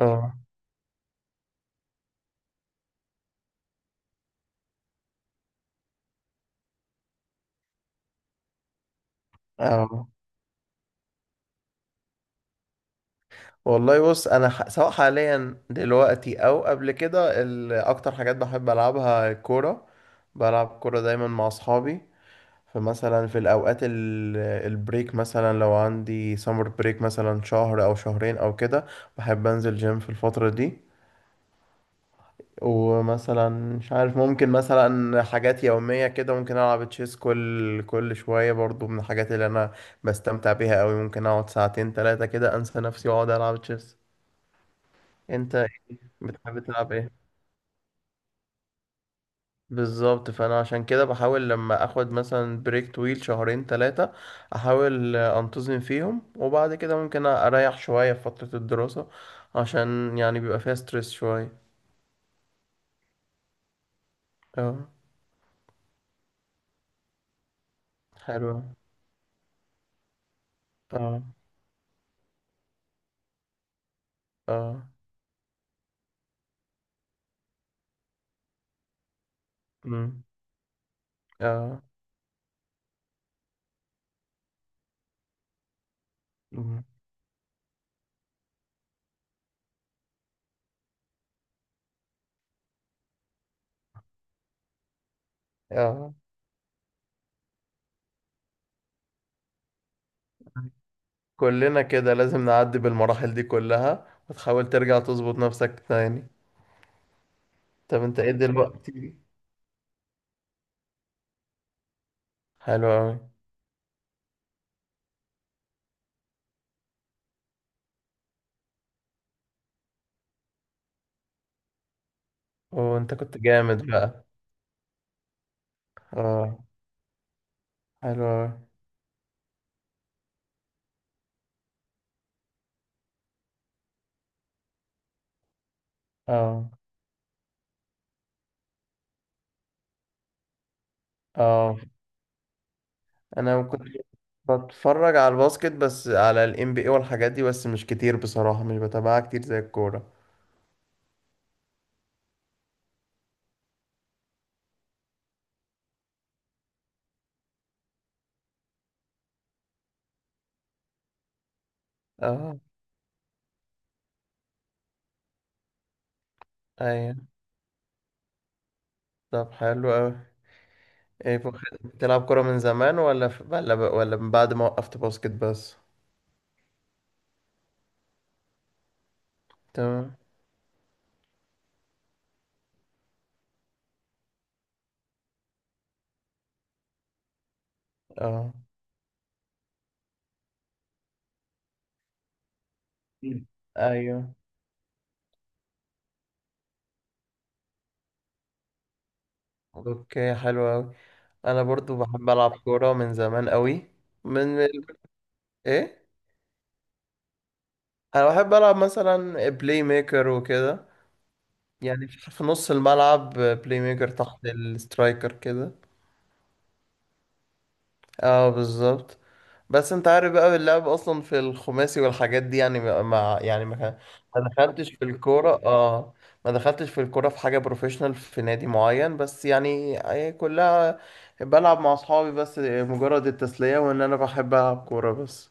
اه، اه، والله بص، انا سواء حاليا دلوقتي او قبل كده، اكتر حاجات بحب العبها كوره. بلعب كوره دايما مع اصحابي. فمثلا في الاوقات البريك، مثلا لو عندي سمر بريك مثلا شهر او شهرين او كده، بحب انزل جيم في الفتره دي. ومثلا مش عارف، ممكن مثلا حاجات يومية كده، ممكن ألعب تشيس كل شوية. برضو من الحاجات اللي أنا بستمتع بيها أوي، ممكن أقعد ساعتين تلاتة كده أنسى نفسي وأقعد ألعب تشيس. انت بتحب تلعب ايه بالظبط؟ فانا عشان كده بحاول لما اخد مثلا بريك طويل شهرين ثلاثة، احاول انتظم فيهم، وبعد كده ممكن اريح شوية في فترة الدراسة، عشان يعني بيبقى فيها ستريس شوية. اه. حلو. اه. اه. امم اه. امم اه. كلنا كده لازم نعدي بالمراحل دي كلها، وتحاول ترجع تظبط نفسك تاني. طب انت ايه دلوقتي؟ حلو اوي. وانت كنت جامد بقى. اه، حلو أوي. اه. اه، انا كنت بتفرج على الباسكت، بس على الام بي اي والحاجات دي، بس مش كتير بصراحة، مش بتابعها كتير زي الكورة. اه. ايوه. طب حلو قوي. ايه بتلعب كورة من زمان، ولا ولا ولا من بعد ما وقفت باسكت بس؟ تمام. اه. مم. ايوه. اوكي، حلو قوي. انا برضو بحب العب كورة من زمان قوي. من ايه؟ انا بحب العب مثلا بلاي ميكر وكده، يعني في في نص الملعب، بلاي ميكر تحت السترايكر كده. اه، بالظبط. بس انت عارف بقى، اللعب اصلا في الخماسي والحاجات دي، يعني يعني ما دخلتش في الكوره. اه، ما دخلتش في الكوره في حاجه بروفيشنال في نادي معين، بس يعني هي كلها بلعب مع اصحابي، بس مجرد التسليه، وان انا بحب العب كوره بس.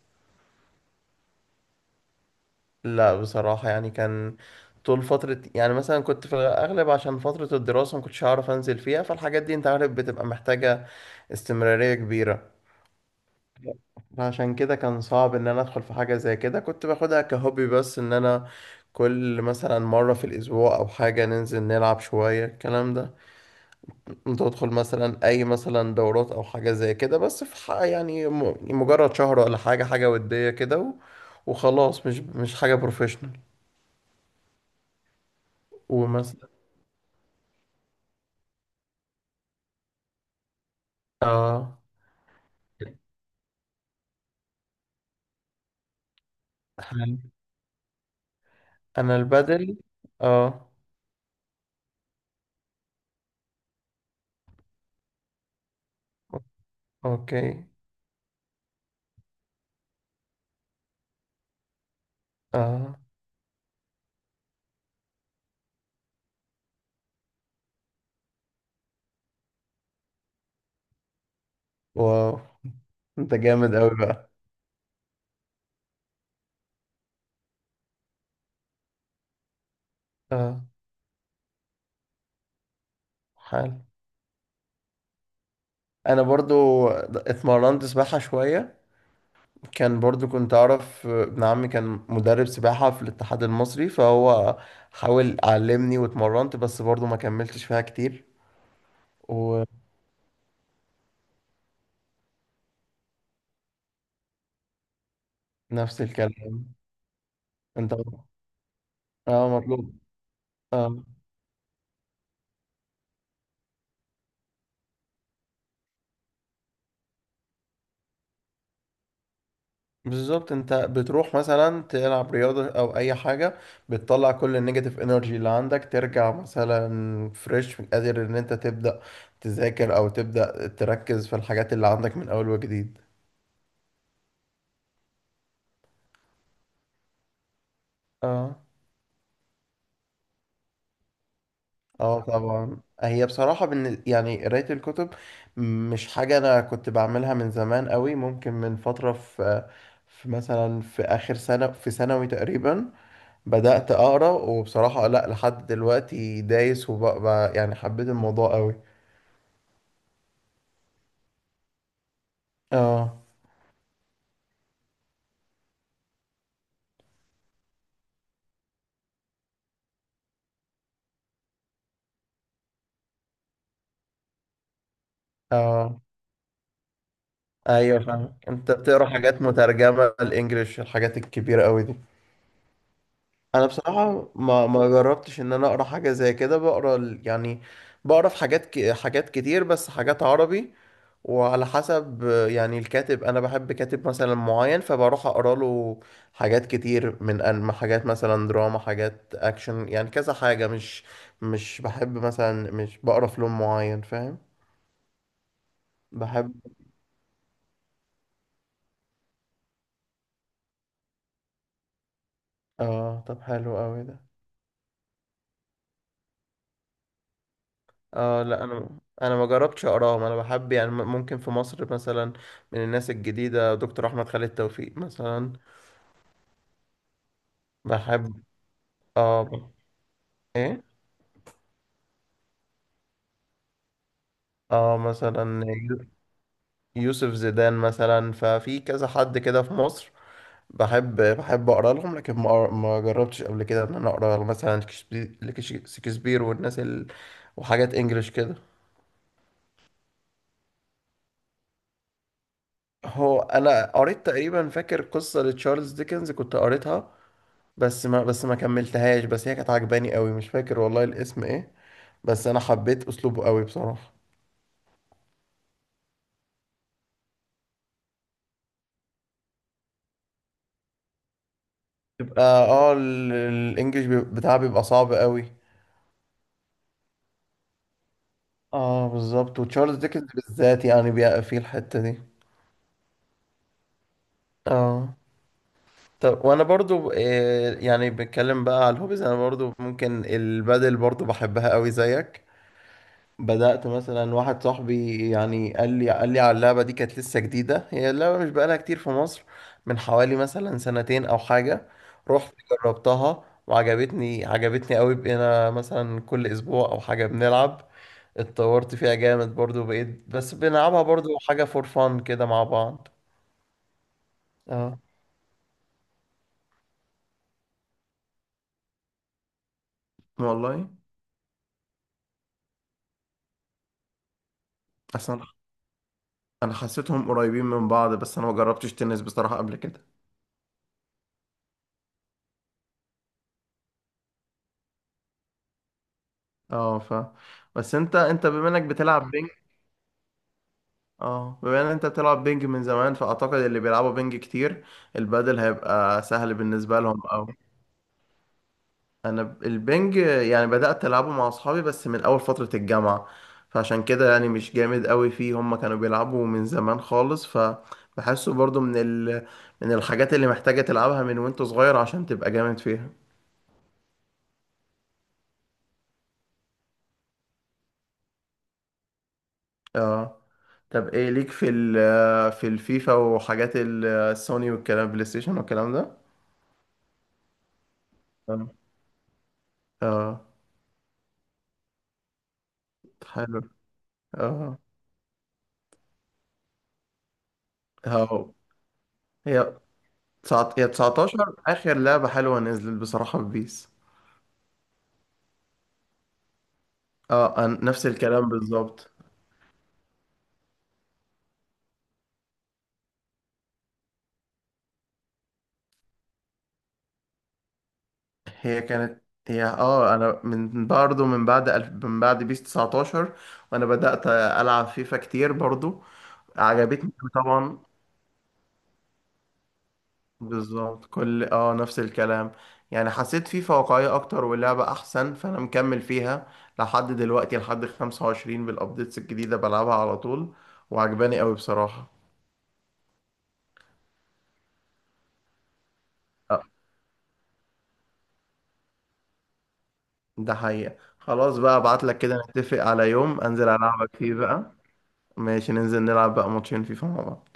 لا بصراحة، يعني كان طول فترة يعني، مثلا كنت في الأغلب عشان فترة الدراسة ما كنتش هعرف أنزل فيها، فالحاجات دي أنت عارف بتبقى محتاجة استمرارية كبيرة. فعشان كده كان صعب إن أنا أدخل في حاجة زي كده. كنت باخدها كهوبي بس، إن أنا كل مثلا مرة في الأسبوع أو حاجة، ننزل نلعب شوية الكلام ده. تدخل مثلا أي مثلا دورات أو حاجة زي كده، بس في يعني مجرد شهر ولا حاجة، حاجة ودية كده وخلاص، مش حاجة بروفيشنال. اه. انا. أنا البدل. اه. اوكي. اه. واو، انت جامد قوي بقى. اه، حلو. انا برضو اتمرنت سباحة شوية. كان برضو كنت اعرف ابن عمي كان مدرب سباحة في الاتحاد المصري، فهو حاول علمني واتمرنت، بس برضو ما كملتش فيها كتير. ونفس الكلام. انت. اه، مطلوب. اه، بالظبط. انت بتروح مثلا تلعب رياضة او اي حاجة، بتطلع كل النيجاتيف انرجي اللي عندك، ترجع مثلا فريش، قادر ان انت تبدأ تذاكر او تبدأ تركز في الحاجات اللي عندك من اول وجديد. اه. اه، طبعا. هي بصراحة يعني قراية الكتب مش حاجة انا كنت بعملها من زمان قوي. ممكن من فترة، في في مثلا في اخر سنة في ثانوي تقريبا بدأت أقرأ، وبصراحة لأ لحد دلوقتي دايس وبقى يعني حبيت الموضوع قوي. اه. اه. ايوه، فاهم. انت بتقرا حاجات مترجمة الانجليش، الحاجات الكبيرة قوي دي. انا بصراحة ما جربتش ان انا اقرا حاجة زي كده. بقرا يعني بقرا في حاجات حاجات كتير، بس حاجات عربي. وعلى حسب يعني الكاتب، انا بحب كاتب مثلا معين فبروح اقرا له. حاجات كتير من انمي، حاجات مثلا دراما، حاجات اكشن، يعني كذا حاجة. مش مش بحب مثلا، مش بقرا في لون معين، فاهم؟ بحب. اه، طب حلو قوي ده. اه، لا، انا ما جربتش اقراهم. انا بحب يعني ممكن في مصر مثلا من الناس الجديدة، دكتور احمد خالد توفيق مثلا. بحب. اه، ايه. اه مثلا يوسف زيدان مثلا، ففي كذا حد كده في مصر بحب اقرا لهم. لكن ما جربتش قبل كده ان انا اقرا مثلا شكسبير والناس وحاجات انجليش كده. هو انا قريت تقريبا، فاكر قصة لتشارلز ديكنز كنت قريتها، بس ما كملتهاش، بس هي كانت عجباني قوي. مش فاكر والله الاسم ايه، بس انا حبيت اسلوبه قوي بصراحة. يبقى اه، الانجليش بتاعه بيبقى صعب قوي. اه، بالظبط. وتشارلز ديكنز بالذات يعني بيقى في الحتة دي. اه. طب وانا برضو، يعني بتكلم بقى على الهوبيز، انا برضو ممكن البادل برضو بحبها قوي زيك. بدأت مثلا واحد صاحبي يعني قال لي على اللعبة دي، كانت لسه جديدة. هي اللعبة مش بقالها كتير في مصر، من حوالي مثلا سنتين او حاجة. رحت جربتها وعجبتني، عجبتني قوي. بقينا مثلا كل اسبوع او حاجة بنلعب. اتطورت فيها جامد برضو، بقيت بس بنلعبها برضو حاجة فور فان كده مع بعض. اه، والله. اصلا انا حسيتهم قريبين من بعض، بس انا ما جربتش تنس بصراحة قبل كده. اه، ف، بس انت بما انك بتلعب بينج. اه، بما ان انت بتلعب بينج من زمان، فاعتقد اللي بيلعبوا بينج كتير، البادل هيبقى سهل بالنسبة لهم او. انا البينج يعني بدأت العبه مع اصحابي بس من اول فترة الجامعة، فعشان كده يعني مش جامد قوي فيه. هم كانوا بيلعبوا من زمان خالص، فبحسه برضو من من الحاجات اللي محتاجة تلعبها من وانت صغير عشان تبقى جامد فيها. اه. طب ايه ليك في ال، في الفيفا وحاجات السوني والكلام، بلاي ستيشن والكلام ده؟ اه. اه. حلو. اه. هاو. هي تسعة، هي 19 اخر لعبة حلوة نزلت بصراحة في بيس. اه، نفس الكلام بالظبط. هي كانت. هي اه، انا من برضه من بعد من بعد بيس 19 وانا بدأت العب فيفا كتير برضه. عجبتني طبعا. بالظبط، كل اه نفس الكلام. يعني حسيت فيفا واقعية أكتر واللعبة أحسن، فأنا مكمل فيها لحد دلوقتي، لحد 25 بالأبديتس الجديدة بلعبها على طول. وعجباني أوي بصراحة. آه، ده حقيقة. خلاص بقى، أبعتلك كده نتفق على يوم أنزل ألعبك فيه بقى. ماشي، ننزل نلعب بقى ماتشين فيفا مع بعض.